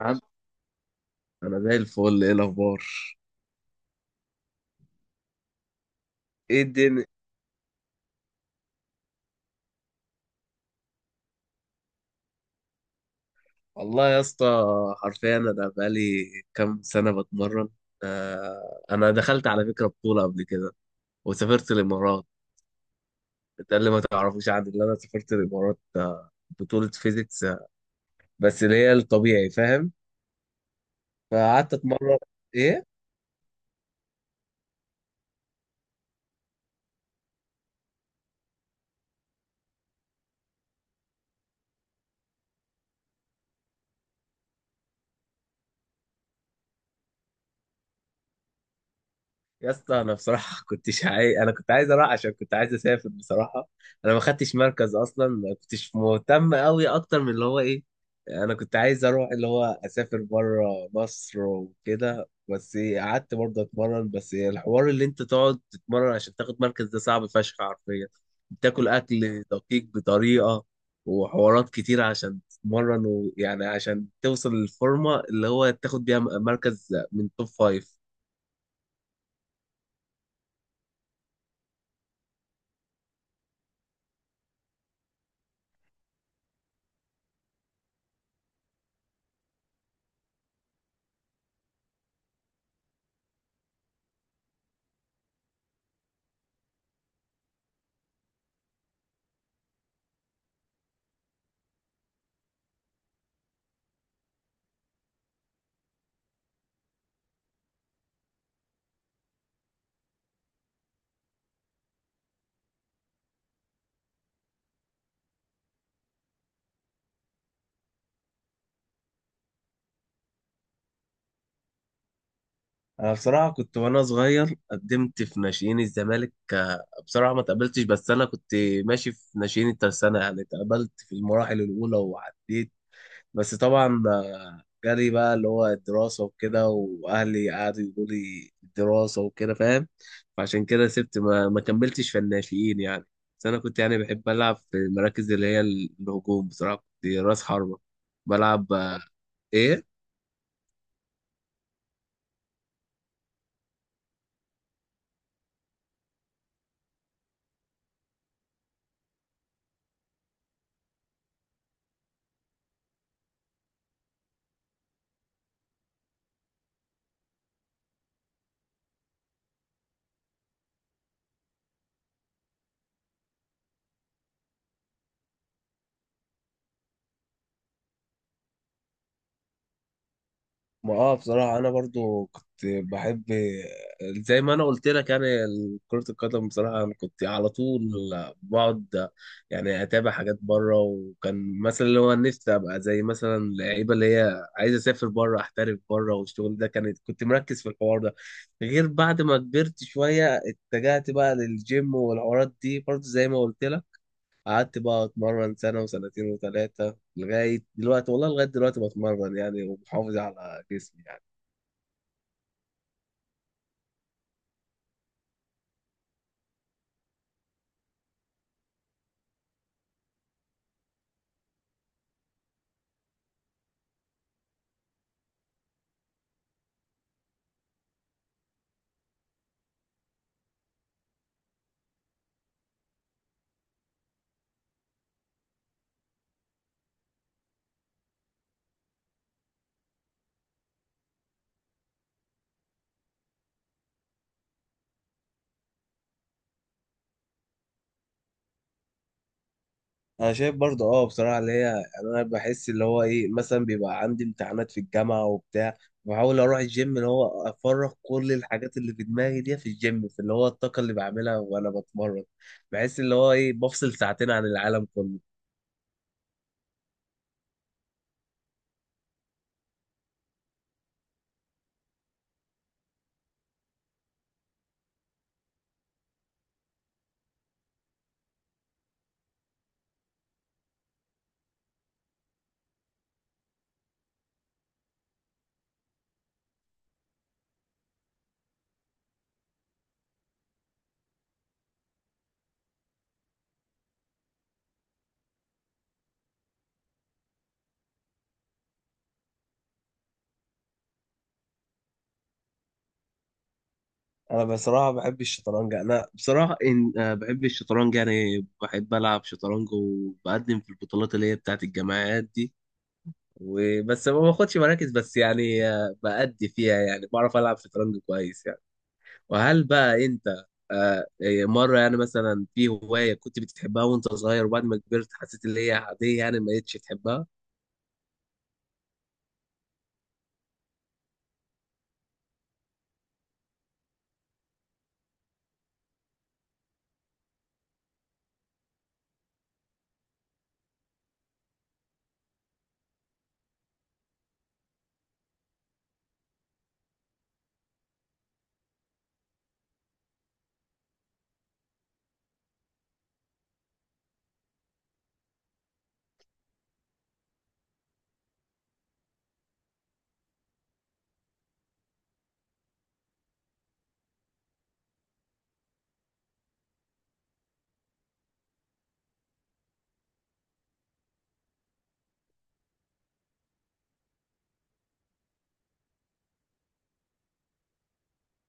عم. انا زي الفل، ايه الاخبار؟ ايه الدنيا. والله يا اسطى، حرفيا انا بقالي كام سنه بتمرن. آه، انا دخلت على فكره بطوله قبل كده وسافرت الامارات. ده اللي ما تعرفوش عني، اللي انا سافرت الامارات، آه، بطوله فيزيكس، آه، بس اللي هي الطبيعي، فاهم. فقعدت اتمرن، ايه يا اسطى. انا بصراحه كنتش عايز، انا كنت عايز اروح عشان كنت عايز اسافر بصراحه. انا ما خدتش مركز اصلا، ما كنتش مهتم قوي اكتر من اللي هو ايه. انا كنت عايز اروح اللي هو اسافر بره مصر وكده، بس إيه، قعدت برضه اتمرن. بس إيه، الحوار اللي انت تقعد تتمرن عشان تاخد مركز ده صعب فشخ حرفيا. بتاكل اكل دقيق بطريقه وحوارات كتير عشان تتمرن، ويعني عشان توصل للفورمه اللي هو تاخد بيها مركز من توب فايف. انا بصراحه كنت وانا صغير قدمت في ناشئين الزمالك، آه، بصراحه ما تقبلتش، بس انا كنت ماشي في ناشئين الترسانه، يعني اتقبلت في المراحل الاولى وعديت. بس طبعا، آه، جالي بقى اللي هو الدراسه وكده واهلي قعدوا يقولوا لي الدراسه وكده، فاهم. فعشان كده سبت ما كملتش في الناشئين يعني. بس انا كنت يعني بحب العب في المراكز اللي هي الهجوم بصراحه. كنت راس حربه بلعب، آه، ايه. ما اه، بصراحة أنا برضو كنت بحب زي ما أنا قلت لك، يعني كرة القدم. بصراحة أنا كنت على طول بقعد يعني أتابع حاجات بره، وكان مثلا اللي هو نفسي أبقى زي مثلا اللعيبة اللي هي عايزة أسافر بره، أحترف بره، والشغل ده كانت كنت مركز في الحوار ده. غير بعد ما كبرت شوية اتجهت بقى للجيم والحوارات دي، برضو زي ما قلت لك، قعدت بقى اتمرن سنه وسنتين وثلاثه لغايه دلوقتي، والله لغايه دلوقتي بتمرن يعني ومحافظ على جسمي يعني. انا شايف برضه اه بصراحه اللي هي يعني انا بحس اللي هو ايه مثلا بيبقى عندي امتحانات في الجامعه وبتاع، بحاول اروح الجيم اللي هو افرغ كل الحاجات اللي في دماغي دي في الجيم في اللي هو الطاقه اللي بعملها وانا بتمرن. بحس اللي هو ايه بفصل ساعتين عن العالم كله. انا بصراحه بحب الشطرنج. انا بصراحه إن آه، بحب الشطرنج، يعني بحب العب شطرنج وبقدم في البطولات اللي هي بتاعت الجامعات دي، وبس ما باخدش مراكز، بس يعني آه، بأدي فيها يعني بعرف العب شطرنج كويس يعني. وهل بقى انت، آه، إيه، مره يعني مثلا في هوايه كنت بتحبها وانت صغير، وبعد ما كبرت حسيت ان هي عاديه يعني ما بقتش تحبها؟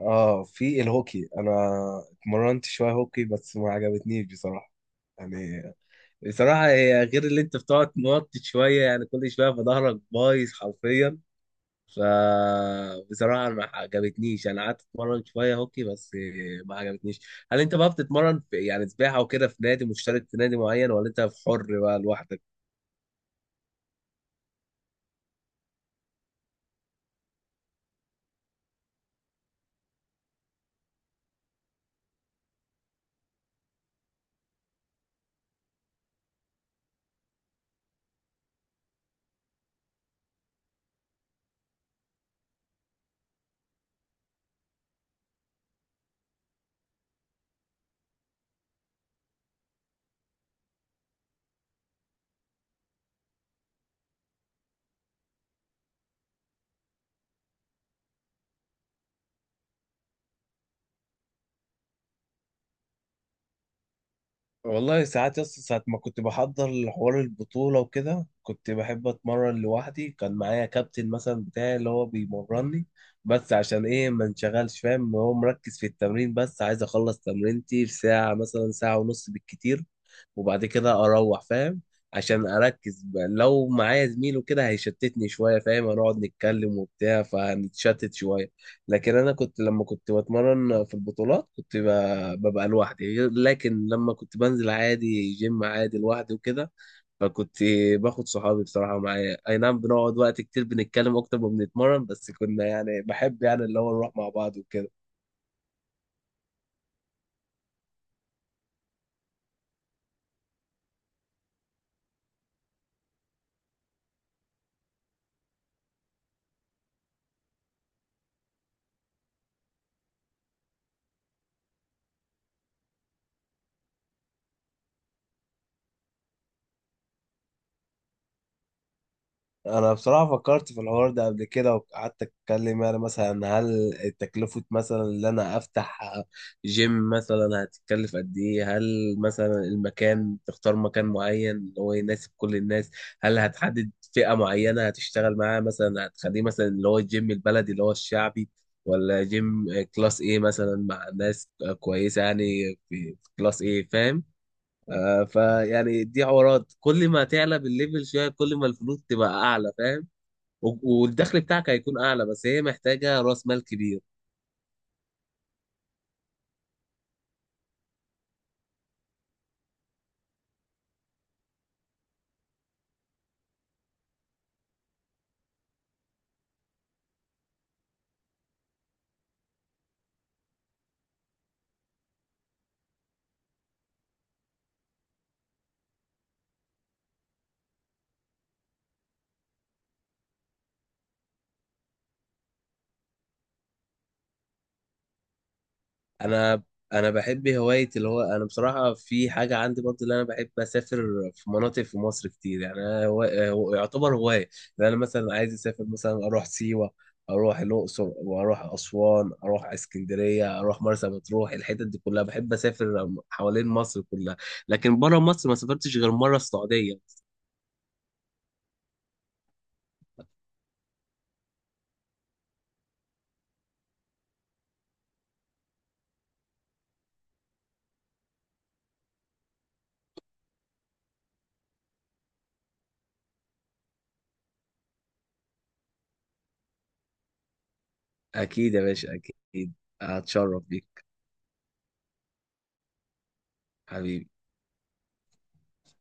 اه، في الهوكي. انا اتمرنت شويه هوكي بس ما عجبتنيش بصراحه يعني. بصراحة هي غير، اللي انت بتقعد موطي شوية يعني كل شوية، فظهرك بايظ حرفيا، ف بصراحة ما عجبتنيش. انا قعدت اتمرن شوية هوكي بس ما عجبتنيش. هل انت بقى بتتمرن في يعني سباحة وكده في نادي مشترك، في نادي معين، ولا انت في حر بقى لوحدك؟ والله ساعات يس ساعة ما كنت بحضر لحوار البطولة وكده كنت بحب أتمرن لوحدي، كان معايا كابتن مثلا بتاعي اللي هو بيمرني، بس عشان إيه ما انشغلش، فاهم؟ هو مركز في التمرين، بس عايز أخلص تمرينتي في ساعة مثلا ساعة ونص بالكتير وبعد كده اروح، فاهم؟ عشان اركز بقى. لو معايا زميل وكده هيشتتني شويه، فاهم؟ هنقعد نتكلم وبتاع فهنتشتت شويه. لكن انا كنت لما كنت بتمرن في البطولات كنت ببقى لوحدي، لكن لما كنت بنزل عادي جيم عادي لوحدي وكده، فكنت باخد صحابي بصراحه معايا، اي نعم بنقعد وقت كتير بنتكلم اكتر ما بنتمرن، بس كنا يعني بحب يعني اللي هو نروح مع بعض وكده. انا بصراحه فكرت في الحوار ده قبل كده وقعدت اتكلم، يعني مثلا هل تكلفه مثلا ان انا افتح جيم مثلا هتتكلف قد ايه؟ هل مثلا المكان تختار مكان معين اللي هو يناسب كل الناس؟ هل هتحدد فئه معينه هتشتغل معاها، مثلا هتخليه مثلا اللي هو الجيم البلدي اللي هو الشعبي، ولا جيم كلاس ايه مثلا مع ناس كويسه يعني في كلاس ايه، فاهم؟ آه، فيعني دي حوارات، كل ما تعلى بالليفل شويه كل ما الفلوس تبقى اعلى، فاهم، والدخل بتاعك هيكون اعلى، بس هي محتاجه راس مال كبير. انا انا بحب هوايه اللي هو انا بصراحه في حاجه عندي برضه اللي انا بحب اسافر في مناطق في مصر كتير يعني، أنا يعتبر هوايه. لان انا مثلا عايز اسافر مثلا اروح سيوه، اروح الاقصر واروح اسوان اروح اسكندريه اروح مرسى مطروح، الحتت دي كلها بحب اسافر حوالين مصر كلها. لكن بره مصر ما سافرتش غير مره السعوديه. اكيد يا باشا، اكيد. هتشرف بيك. حبيبي.